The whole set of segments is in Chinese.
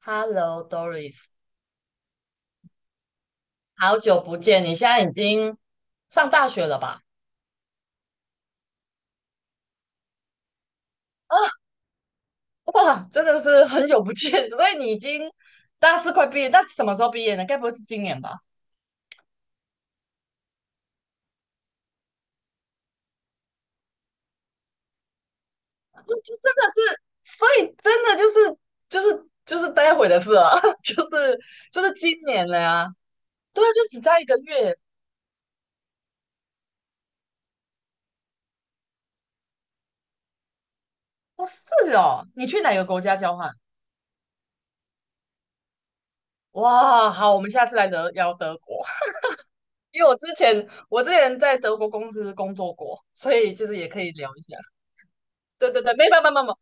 Hello Doris，好久不见！你现在已经上大学了吧？啊，哇，真的是很久不见，所以你已经大四快毕业，那什么时候毕业呢？该不会是今年吧？就真的是，所以真的就是待会的事了，就是就是今年了呀。对啊，就只差一个月。哦，是哦，你去哪个国家交换？哇，好，我们下次来德聊德国，因为我之前在德国公司工作过，所以就是也可以聊一下。对对对，没办法，没办法，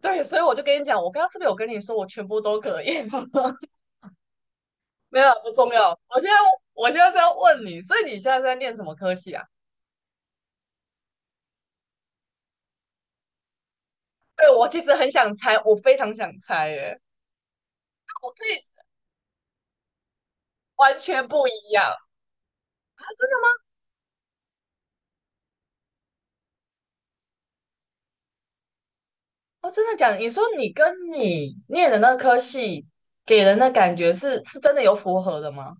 对，所以我就跟你讲，我刚刚是不是有跟你说我全部都可以？没有，不重要。我现在是要问你，所以你现在是在念什么科系啊？对，我其实很想猜，我非常想猜耶，我可以完全不一样。啊真的吗？哦，真的讲，你说你跟你念的那科系给人的感觉是真的有符合的吗？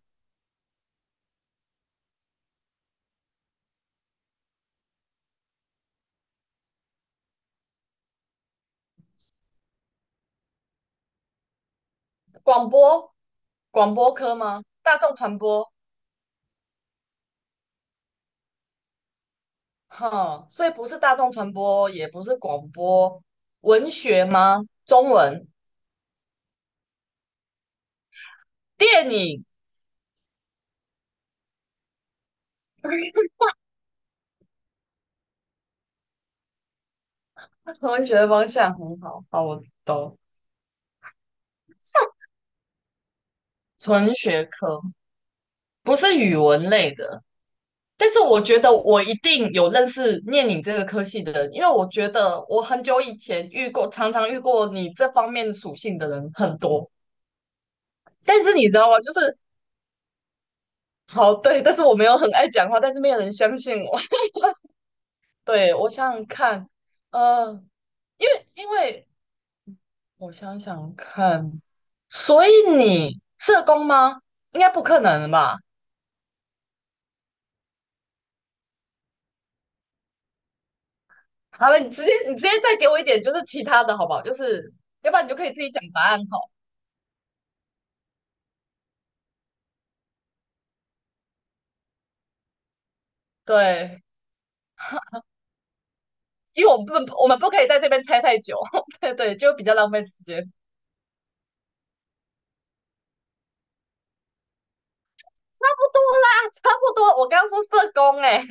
广播广播科吗？大众传播？哈，所以不是大众传播，也不是广播，文学吗？中文、电影，文学的方向很好。好，我懂。纯学科不是语文类的，但是我觉得我一定有认识念你这个科系的人，因为我觉得我很久以前遇过，常常遇过你这方面属性的人很多。但是你知道吗？就是好对，但是我没有很爱讲话，但是没有人相信我。对，我想想看，呃。因为我想想看，所以你社工吗？应该不可能吧？好了，你直接再给我一点，就是其他的好不好？就是要不然你就可以自己讲答案好。对，因为我们不可以在这边猜太久，对对，就比较浪费时间。差不多啦，差不多。我刚刚说社工、欸，哎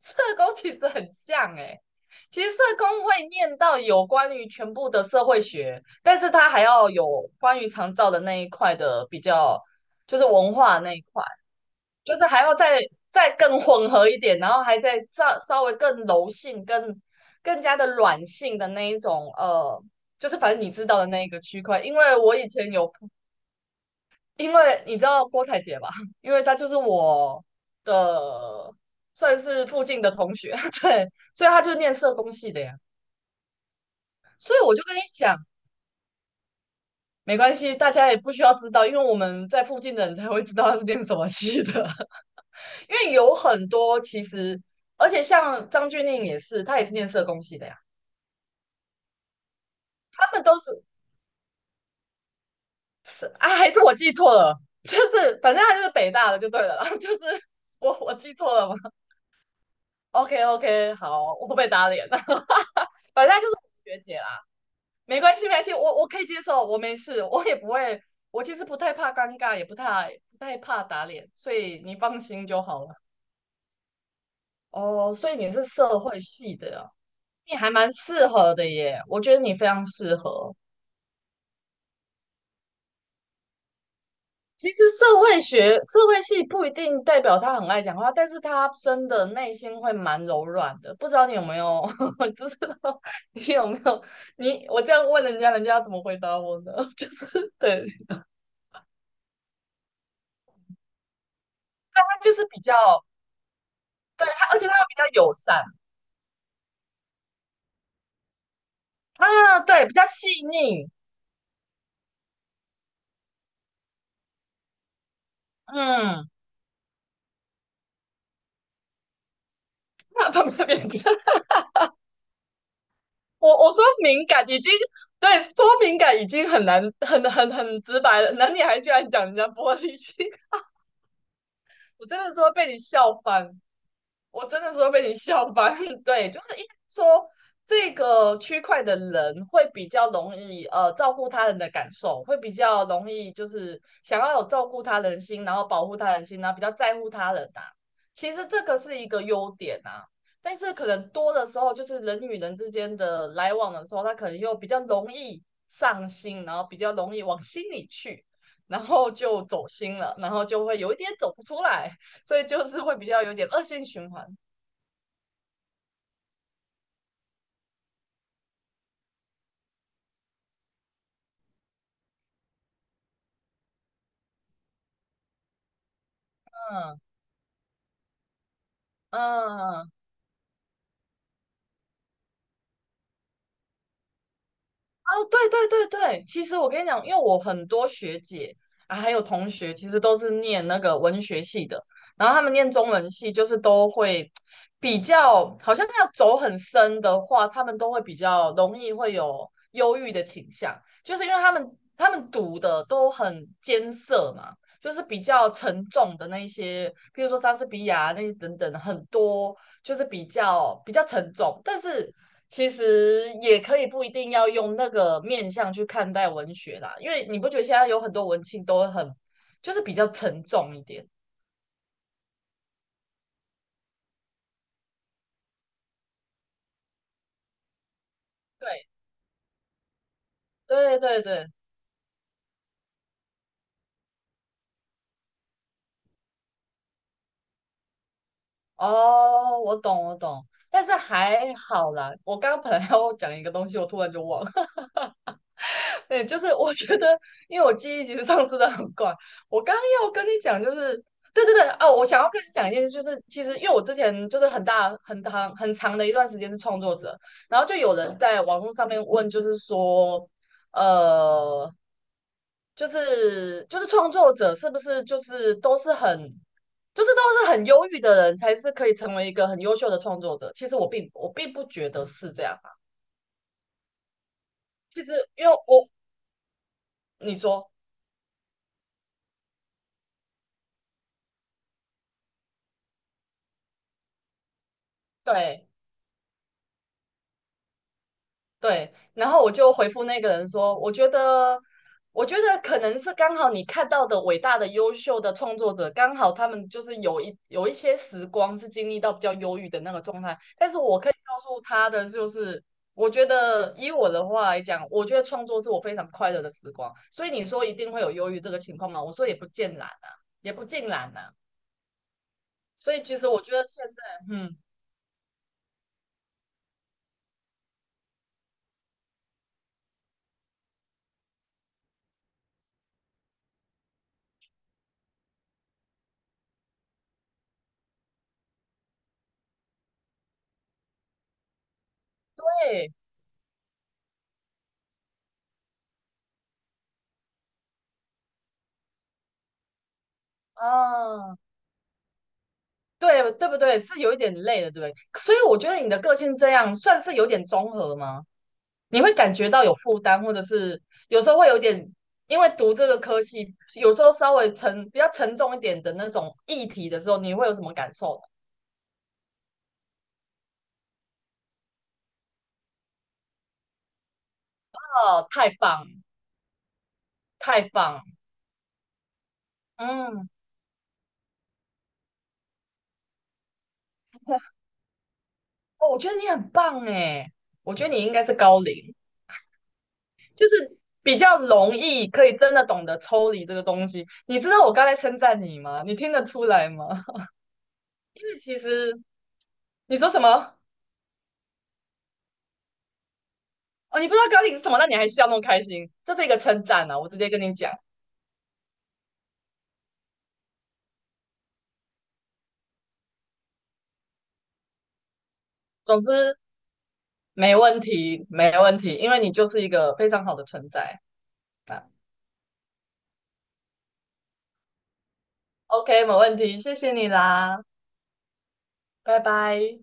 社工其实很像哎、欸其实社工会念到有关于全部的社会学，但是他还要有关于长照的那一块的比较，就是文化那一块。就是还要再更混合一点，然后还再稍微更柔性、更加的软性的那一种，就是反正你知道的那一个区块。因为我以前有，因为你知道郭采洁吧，因为她就是我的算是附近的同学，对，所以她就念社工系的呀。所以我就跟你讲，没关系，大家也不需要知道，因为我们在附近的人才会知道她是念什么系的。因为有很多其实，而且像张峻宁也是，他也是念社工系的呀，他们都是是啊，还是我记错了，就是反正他就是北大的就对了啦，就是我记错了吗？OK OK，好，我不被打脸了，反正他就是我学姐啦，没关系没关系，我可以接受，我没事，我也不会，我其实不太怕尴尬，也不太怕打脸，所以你放心就好了。哦，所以你是社会系的啊，你还蛮适合的耶，我觉得你非常适合。其实社会学、社会系不一定代表他很爱讲话，但是他真的内心会蛮柔软的。不知道你有没有，知道你有没有？你我这样问人家，人家要怎么回答我呢？就是对他就是比较对他，而且他比较友善啊，对，比较细腻。嗯，那不不不，我说敏感已经对说敏感已经很难很直白了，那女你还居然讲人家玻璃心，我真的说被你笑翻。我真的是会被你笑翻。对，就是应该说这个区块的人会比较容易照顾他人的感受，会比较容易就是想要有照顾他人心，然后保护他人心，然后比较在乎他人啊。其实这个是一个优点啊，但是可能多的时候就是人与人之间的来往的时候，他可能又比较容易上心，然后比较容易往心里去，然后就走心了，然后就会有一点走不出来。所以就是会比较有点恶性循环。嗯嗯哦，对对对对，其实我跟你讲，因为我很多学姐啊，还有同学，其实都是念那个文学系的，然后他们念中文系，就是都会比较，好像要走很深的话，他们都会比较容易会有忧郁的倾向，就是因为他们读的都很艰涩嘛，就是比较沉重的那些，譬如说莎士比亚那些等等，很多就是比较沉重，但是其实也可以不一定要用那个面向去看待文学啦，因为你不觉得现在有很多文青都很就是比较沉重一点？对对对对，哦，我懂我懂，但是还好啦，我刚刚本来要讲一个东西，我突然就忘了。对，就是我觉得，因为我记忆其实丧失的很快。我刚要跟你讲，就是对对对哦，我想要跟你讲一件事，就是其实因为我之前就是很大很长很长的一段时间是创作者，然后就有人在网络上面问，就是说，呃，就是创作者是不是就是都是很忧郁的人才是可以成为一个很优秀的创作者？其实我并不觉得是这样啊。其实因为我你说对。对，然后我就回复那个人说，我觉得，我觉得可能是刚好你看到的伟大的、优秀的创作者，刚好他们就是有一些时光是经历到比较忧郁的那个状态。但是我可以告诉他的就是，我觉得以我的话来讲，我觉得创作是我非常快乐的时光。所以你说一定会有忧郁这个情况吗？我说也不尽然啊，也不尽然啊。所以其实我觉得现在，嗯，对，啊。对对不对？是有一点累的，对不对？所以我觉得你的个性这样算是有点综合吗？你会感觉到有负担，或者是有时候会有点，因为读这个科系，有时候稍微比较沉重一点的那种议题的时候，你会有什么感受？哦，太棒，太棒，嗯，哦，我觉得你很棒诶，我觉得你应该是高龄，就是比较容易可以真的懂得抽离这个东西。你知道我刚才称赞你吗？你听得出来吗？因为其实你说什么？哦，你不知道高领是什么，那你还笑那么开心，这是一个称赞啊！我直接跟你讲，总之没问题，没问题，因为你就是一个非常好的存在啊。OK，没问题，谢谢你啦，拜拜。